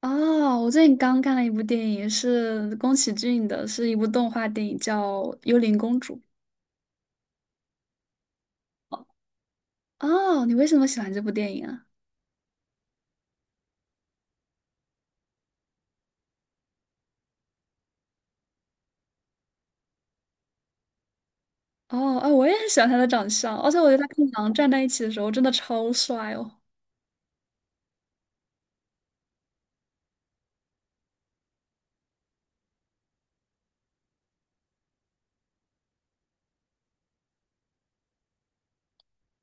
哦，我最近刚看了一部电影，是宫崎骏的，是一部动画电影，叫《幽灵公主》。哦，你为什么喜欢这部电影啊？哦，啊，我也很喜欢他的长相，而且我觉得他跟狼站在一起的时候真的超帅哦。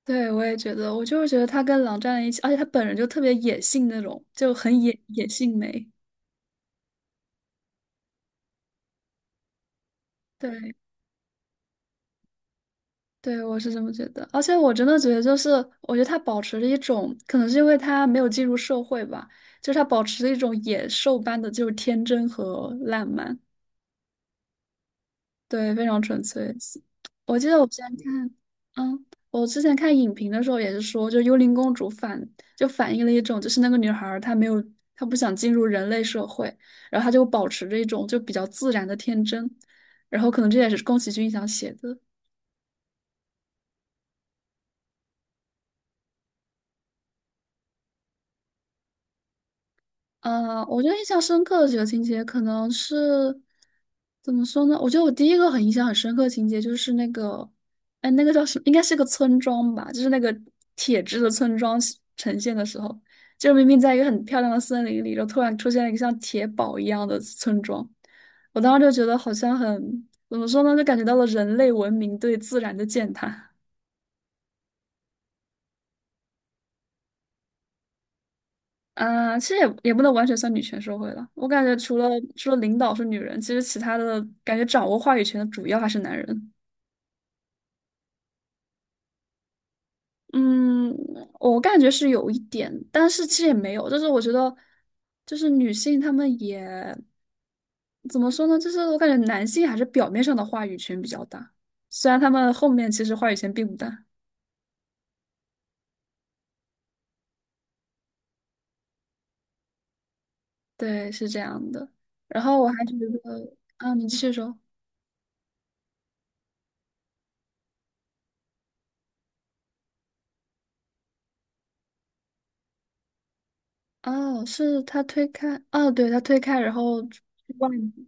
对，我也觉得，我就是觉得他跟狼站在一起，而且他本人就特别野性那种，就很野性美。对，对，我是这么觉得，而且我真的觉得，就是我觉得他保持着一种，可能是因为他没有进入社会吧，就是他保持着一种野兽般的就是天真和烂漫，对，非常纯粹。我记得我之前看，我之前看影评的时候也是说，就幽灵公主就反映了一种，就是那个女孩儿她没有，她不想进入人类社会，然后她就保持着一种就比较自然的天真，然后可能这也是宫崎骏想写的。我觉得印象深刻的几个情节，可能是怎么说呢？我觉得我第一个很印象很深刻的情节就是那个，哎，那个叫什么？应该是个村庄吧，就是那个铁质的村庄是呈现的时候，就明明在一个很漂亮的森林里，就突然出现了一个像铁堡一样的村庄，我当时就觉得好像很，怎么说呢？就感觉到了人类文明对自然的践踏。啊，其实也不能完全算女权社会了。我感觉除了领导是女人，其实其他的感觉掌握话语权的主要还是男人。嗯，我感觉是有一点，但是其实也没有，就是我觉得，就是女性她们也怎么说呢？就是我感觉男性还是表面上的话语权比较大，虽然他们后面其实话语权并不大。对，是这样的。然后我还觉得，啊，你继续说。哦，是他推开，哦，对，他推开，然后去外面。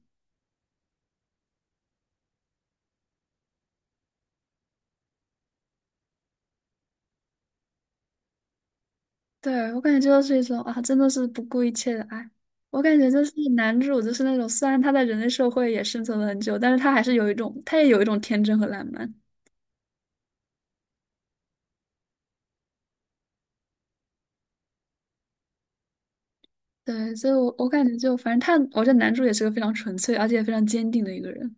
对，我感觉这就是一种啊，真的是不顾一切的爱。我感觉就是男主，就是那种虽然他在人类社会也生存了很久，但是他还是有一种，他也有一种天真和浪漫。对，所以我感觉就反正他，我觉得男主也是个非常纯粹而且也非常坚定的一个人。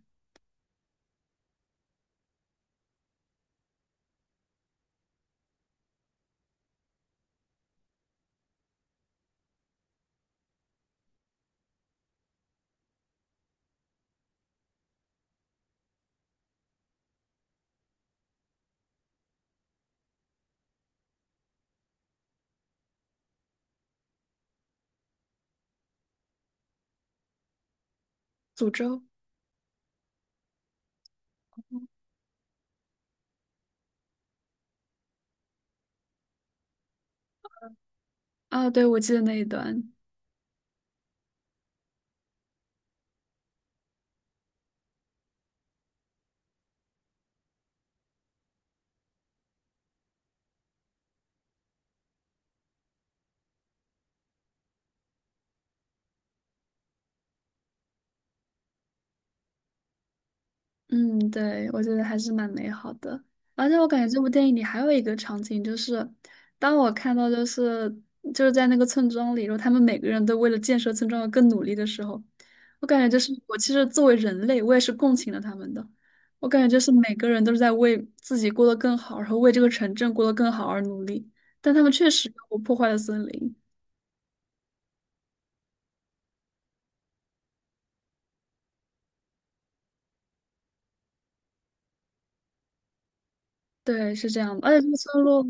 诅咒啊，对，我记得那一段。嗯，对，我觉得还是蛮美好的。而且我感觉这部电影里还有一个场景，就是当我看到就是在那个村庄里，然后他们每个人都为了建设村庄而更努力的时候，我感觉就是我其实作为人类，我也是共情了他们的。我感觉就是每个人都是在为自己过得更好，然后为这个城镇过得更好而努力，但他们确实我破坏了森林。对，是这样的，而且这个村落。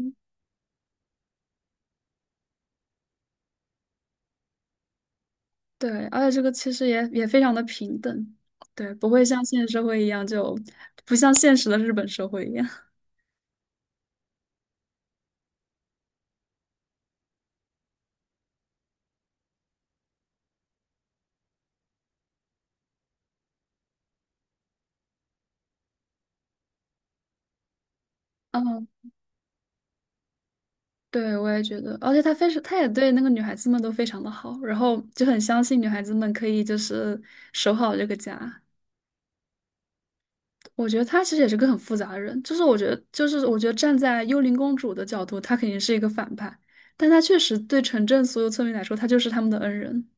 对，而且这个其实也非常的平等，对，不会像现实社会一样就，不像现实的日本社会一样。嗯，对，我也觉得，而且他非常，他也对那个女孩子们都非常的好，然后就很相信女孩子们可以就是守好这个家。我觉得他其实也是个很复杂的人，就是我觉得，就是我觉得站在幽灵公主的角度，她肯定是一个反派，但她确实对城镇所有村民来说，她就是他们的恩人。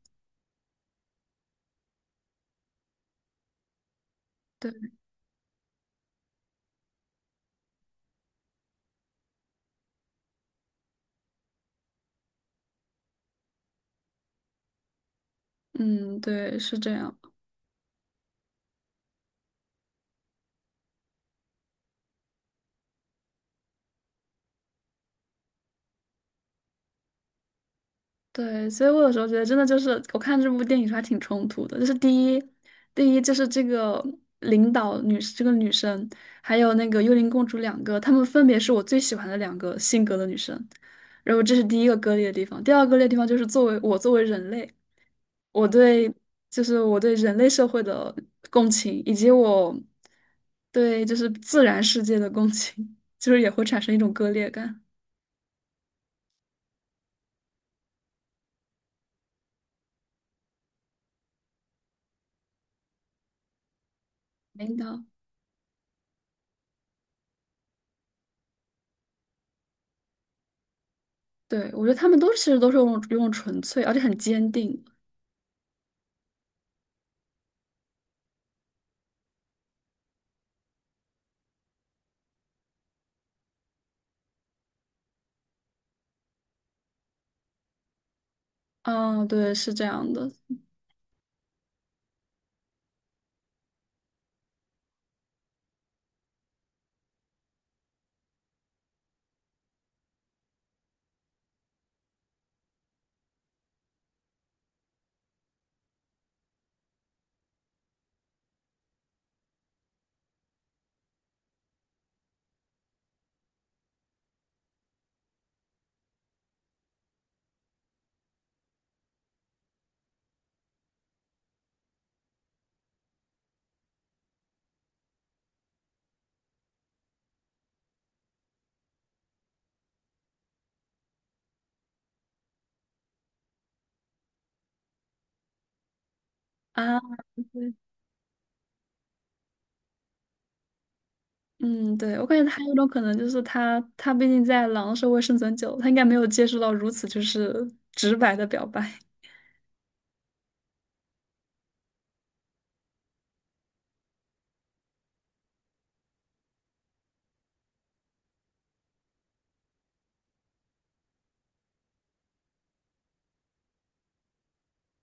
对，嗯，对，是这样。对，所以我有时候觉得，真的就是我看这部电影时候还挺冲突的。就是第一，第一就是这个领导女，这个女生，还有那个幽灵公主两个，她们分别是我最喜欢的两个性格的女生。然后这是第一个割裂的地方。第二个割裂的地方就是作为我作为人类，我对我对人类社会的共情，以及我对就是自然世界的共情，就是也会产生一种割裂感。领导。对，我觉得他们都其实都是用纯粹，而且很坚定。嗯，对，是这样的啊，对，嗯，对，我感觉还有一种可能就是他，他毕竟在狼社会生存久了，他应该没有接触到如此就是直白的表白。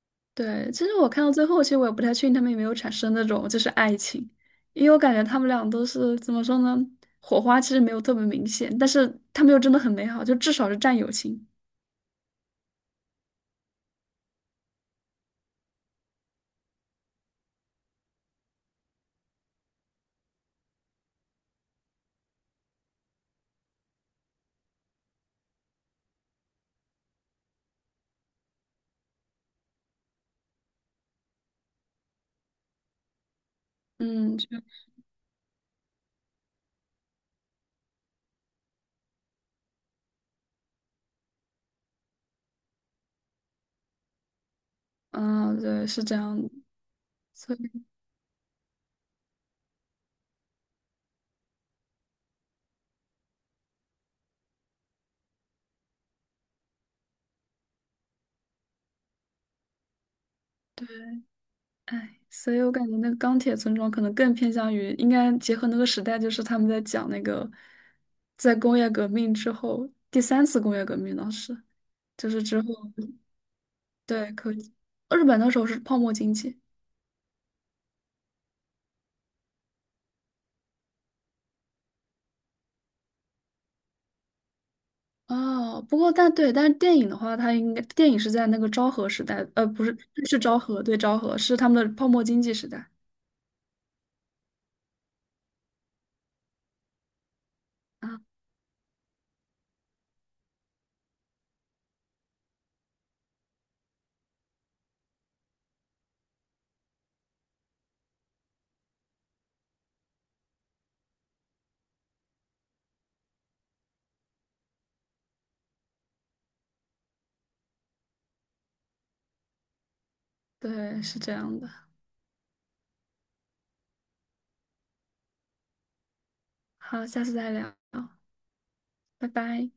对，其实我看到最后，其实我也不太确定他们有没有产生那种就是爱情，因为我感觉他们俩都是怎么说呢，火花其实没有特别明显，但是他们又真的很美好，就至少是战友情。嗯，就啊，对，是这样的，所以对。哎，所以我感觉那个钢铁村庄可能更偏向于，应该结合那个时代，就是他们在讲那个，在工业革命之后，第三次工业革命当时，就是之后，对，可以。日本那时候是泡沫经济。哦，不过但对，但是电影的话，它应该电影是在那个昭和时代，不是，是昭和，对，昭和是他们的泡沫经济时代啊，对，是这样的。好，下次再聊，拜拜。